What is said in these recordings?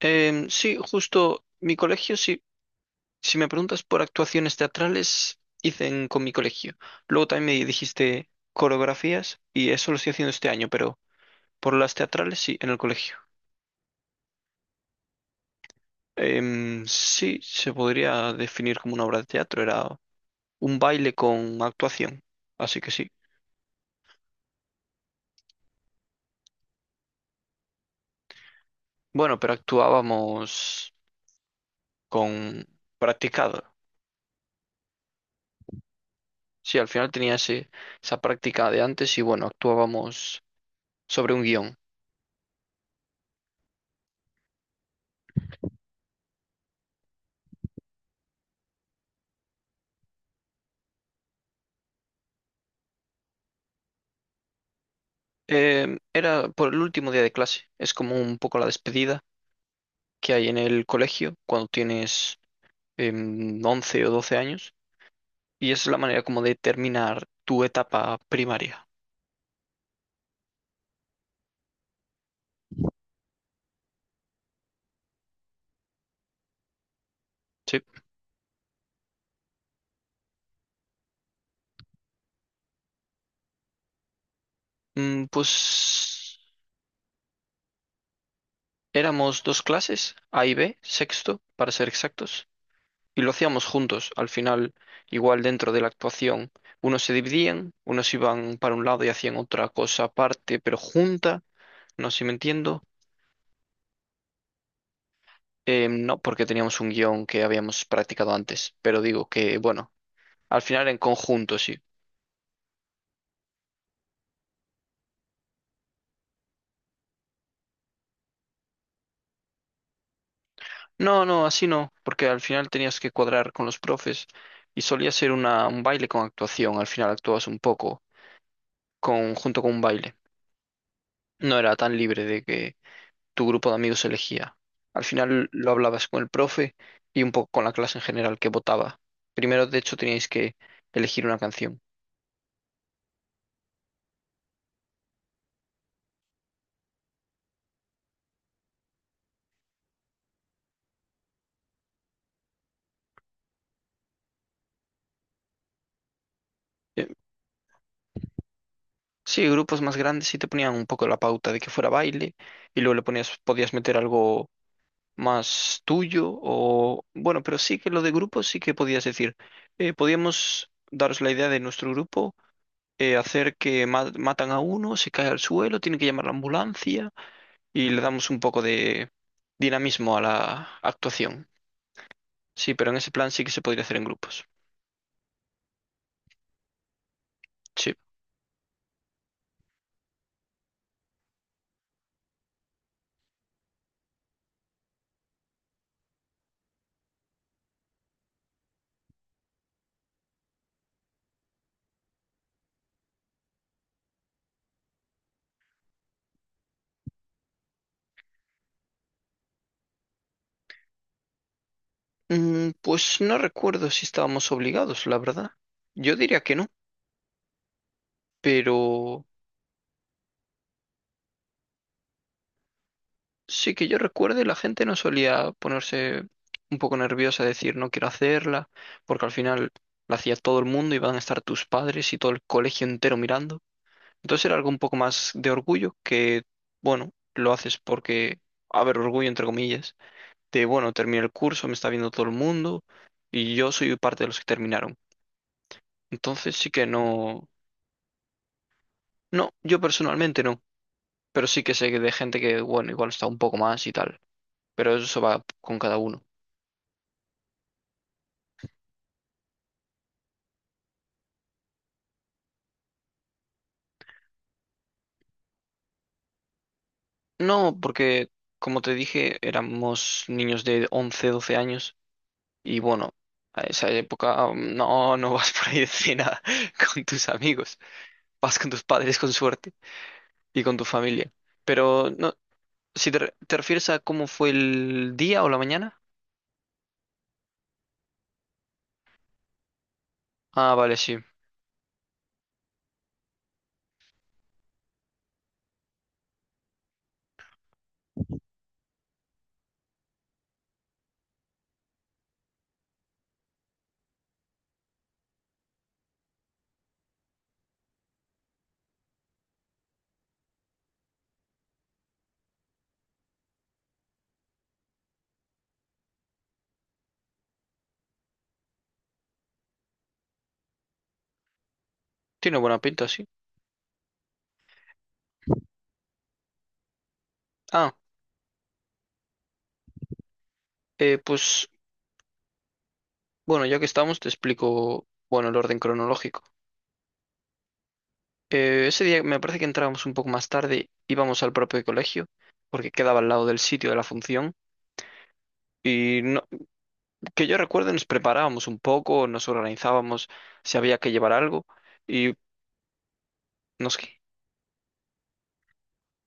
Sí, justo mi colegio, sí, si me preguntas por actuaciones teatrales, hice con mi colegio. Luego también me dijiste coreografías y eso lo estoy haciendo este año, pero por las teatrales sí, en el colegio. Sí, se podría definir como una obra de teatro, era un baile con actuación, así que sí. Bueno, pero actuábamos con practicado. Sí, al final tenía esa práctica de antes y bueno, actuábamos sobre un guión. Era por el último día de clase. Es como un poco la despedida que hay en el colegio cuando tienes 11 o 12 años. Y es la manera como de terminar tu etapa primaria. Sí. Mm, pues éramos dos clases, A y B, sexto, para ser exactos. Y lo hacíamos juntos. Al final, igual dentro de la actuación, unos se dividían, unos iban para un lado y hacían otra cosa aparte, pero junta. No sé si me entiendo. No, porque teníamos un guión que habíamos practicado antes, pero digo que, bueno, al final en conjunto sí. No, no, así no, porque al final tenías que cuadrar con los profes y solía ser una, un baile con actuación, al final actuabas un poco con, junto con un baile. No era tan libre de que tu grupo de amigos elegía. Al final lo hablabas con el profe y un poco con la clase en general que votaba. Primero, de hecho, teníais que elegir una canción. Eh, Sí, grupos más grandes sí te ponían un poco la pauta de que fuera baile y luego le ponías, podías meter algo más tuyo o bueno, pero sí que lo de grupos sí que podías decir, podíamos daros la idea de nuestro grupo, hacer que matan a uno, se cae al suelo, tiene que llamar la ambulancia y le damos un poco de dinamismo a la actuación. Sí, pero en ese plan sí que se podría hacer en grupos. Sí. Mm, pues no recuerdo si estábamos obligados, la verdad. Yo diría que no, pero... Sí, que yo recuerde, la gente no solía ponerse un poco nerviosa, decir no quiero hacerla, porque al final la hacía todo el mundo, iban a estar tus padres y todo el colegio entero mirando. Entonces era algo un poco más de orgullo que, bueno, lo haces porque, a ver, orgullo entre comillas, de, bueno, terminé el curso, me está viendo todo el mundo y yo soy parte de los que terminaron. Entonces sí que no, no, yo personalmente no, pero sí que sé que de gente que, bueno, igual está un poco más y tal, pero eso va con cada uno. No, porque como te dije, éramos niños de 11, 12 años y bueno, a esa época no, no vas por ahí de cena con tus amigos, vas con tus padres con suerte y con tu familia. Pero no, si te, te refieres a cómo fue el día o la mañana, ah, vale, sí, tiene buena pinta, sí. Ah, pues bueno, ya que estamos, te explico, bueno, el orden cronológico. Ese día me parece que entrábamos un poco más tarde, íbamos al propio colegio, porque quedaba al lado del sitio de la función. Y no- que yo recuerde, nos preparábamos un poco, nos organizábamos si había que llevar algo. Y no sé,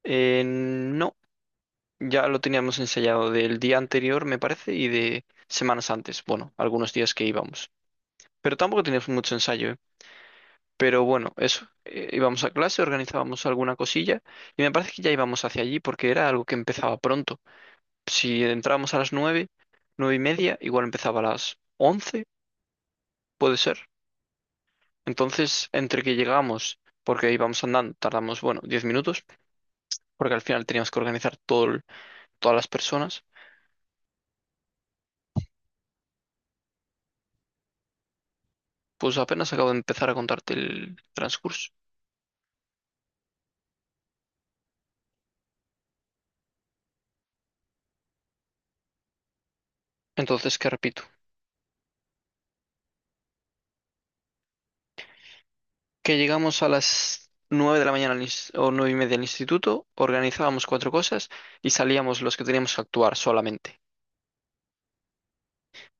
no, ya lo teníamos ensayado del día anterior, me parece, y de semanas antes, bueno, algunos días que íbamos. Pero tampoco teníamos mucho ensayo, ¿eh? Pero bueno, eso, íbamos a clase, organizábamos alguna cosilla, y me parece que ya íbamos hacia allí porque era algo que empezaba pronto. Si entrábamos a las nueve, nueve y media, igual empezaba a las once, puede ser. Entonces, entre que llegamos, porque íbamos andando, tardamos, bueno, 10 minutos, porque al final teníamos que organizar todo, todas las personas, pues apenas acabo de empezar a contarte el transcurso. Entonces, que repito, que llegamos a las nueve de la mañana al o nueve y media al instituto, organizábamos cuatro cosas y salíamos los que teníamos que actuar solamente.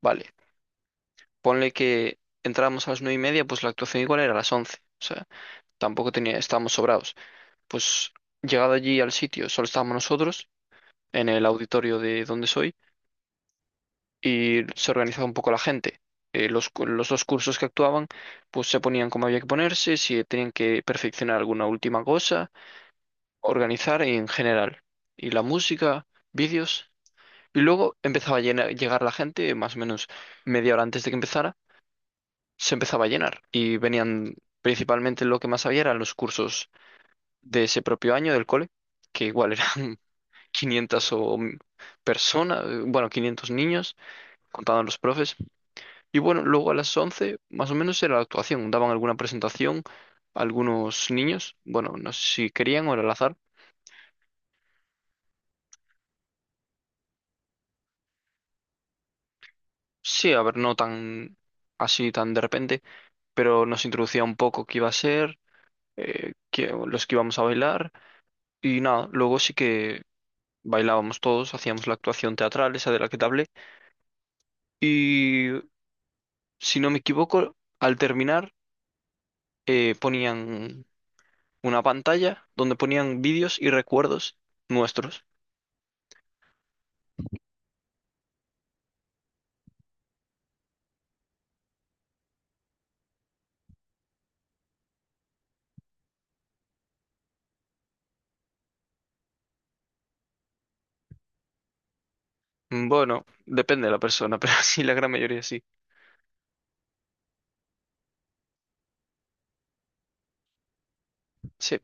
Vale, ponle que entrábamos a las nueve y media, pues la actuación igual era a las once. Tampoco tenía, estábamos sobrados. Pues llegado allí al sitio, solo estábamos nosotros en el auditorio de donde soy y se organizaba un poco la gente. Los dos cursos que actuaban, pues se ponían como había que ponerse, si tenían que perfeccionar alguna última cosa, organizar en general. Y la música, vídeos. Y luego empezaba a llegar la gente, más o menos media hora antes de que empezara, se empezaba a llenar. Y venían principalmente lo que más había eran los cursos de ese propio año del cole, que igual eran 500 o mm, personas, bueno, 500 niños, contaban los profes. Y bueno, luego a las 11 más o menos era la actuación, daban alguna presentación a algunos niños, bueno, no sé si querían o era al azar. Sí, a ver, no tan así, tan de repente, pero nos introducía un poco qué iba a ser, los que íbamos a bailar y nada, luego sí que... Bailábamos todos, hacíamos la actuación teatral, esa de la que te hablé, y si no me equivoco, al terminar ponían una pantalla donde ponían vídeos y recuerdos nuestros. Bueno, depende de la persona, pero sí, la gran mayoría sí. Sí,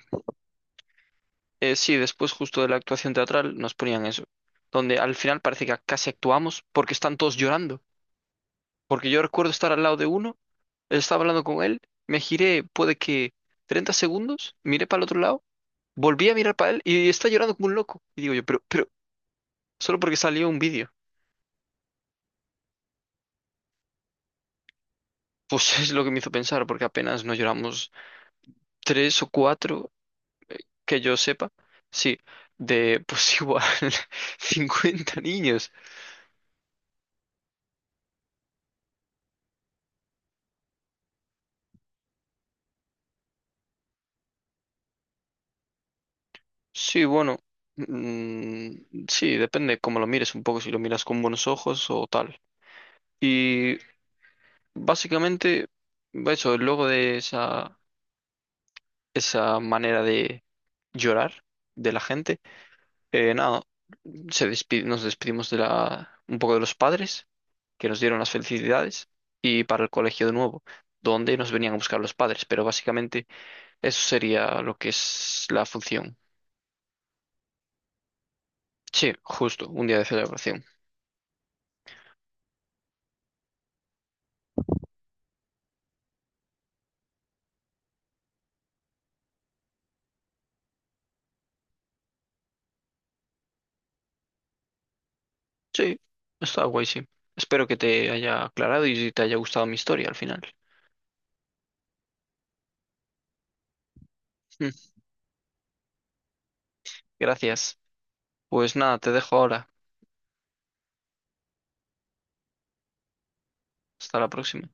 Sí, después justo de la actuación teatral nos ponían eso, donde al final parece que casi actuamos porque están todos llorando. Porque yo recuerdo estar al lado de uno, estaba hablando con él, me giré, puede que 30 segundos, miré para el otro lado, volví a mirar para él y está llorando como un loco. Y digo yo, pero, solo porque salió un vídeo. Pues es lo que me hizo pensar, porque apenas nos lloramos tres o cuatro, que yo sepa, sí, de pues igual 50 niños. Sí, bueno, mm, sí, depende cómo lo mires un poco, si lo miras con buenos ojos o tal. Y básicamente, eso, luego de esa, esa manera de llorar de la gente, nada, nos despedimos de la, un poco de los padres. Que nos dieron las felicidades y para el colegio de nuevo, donde nos venían a buscar los padres, pero básicamente eso sería lo que es la función. Sí, justo, un día de celebración. Sí, está guay, sí. Espero que te haya aclarado y te haya gustado mi historia al final. Mm. Gracias. Pues nada, te dejo ahora. Hasta la próxima.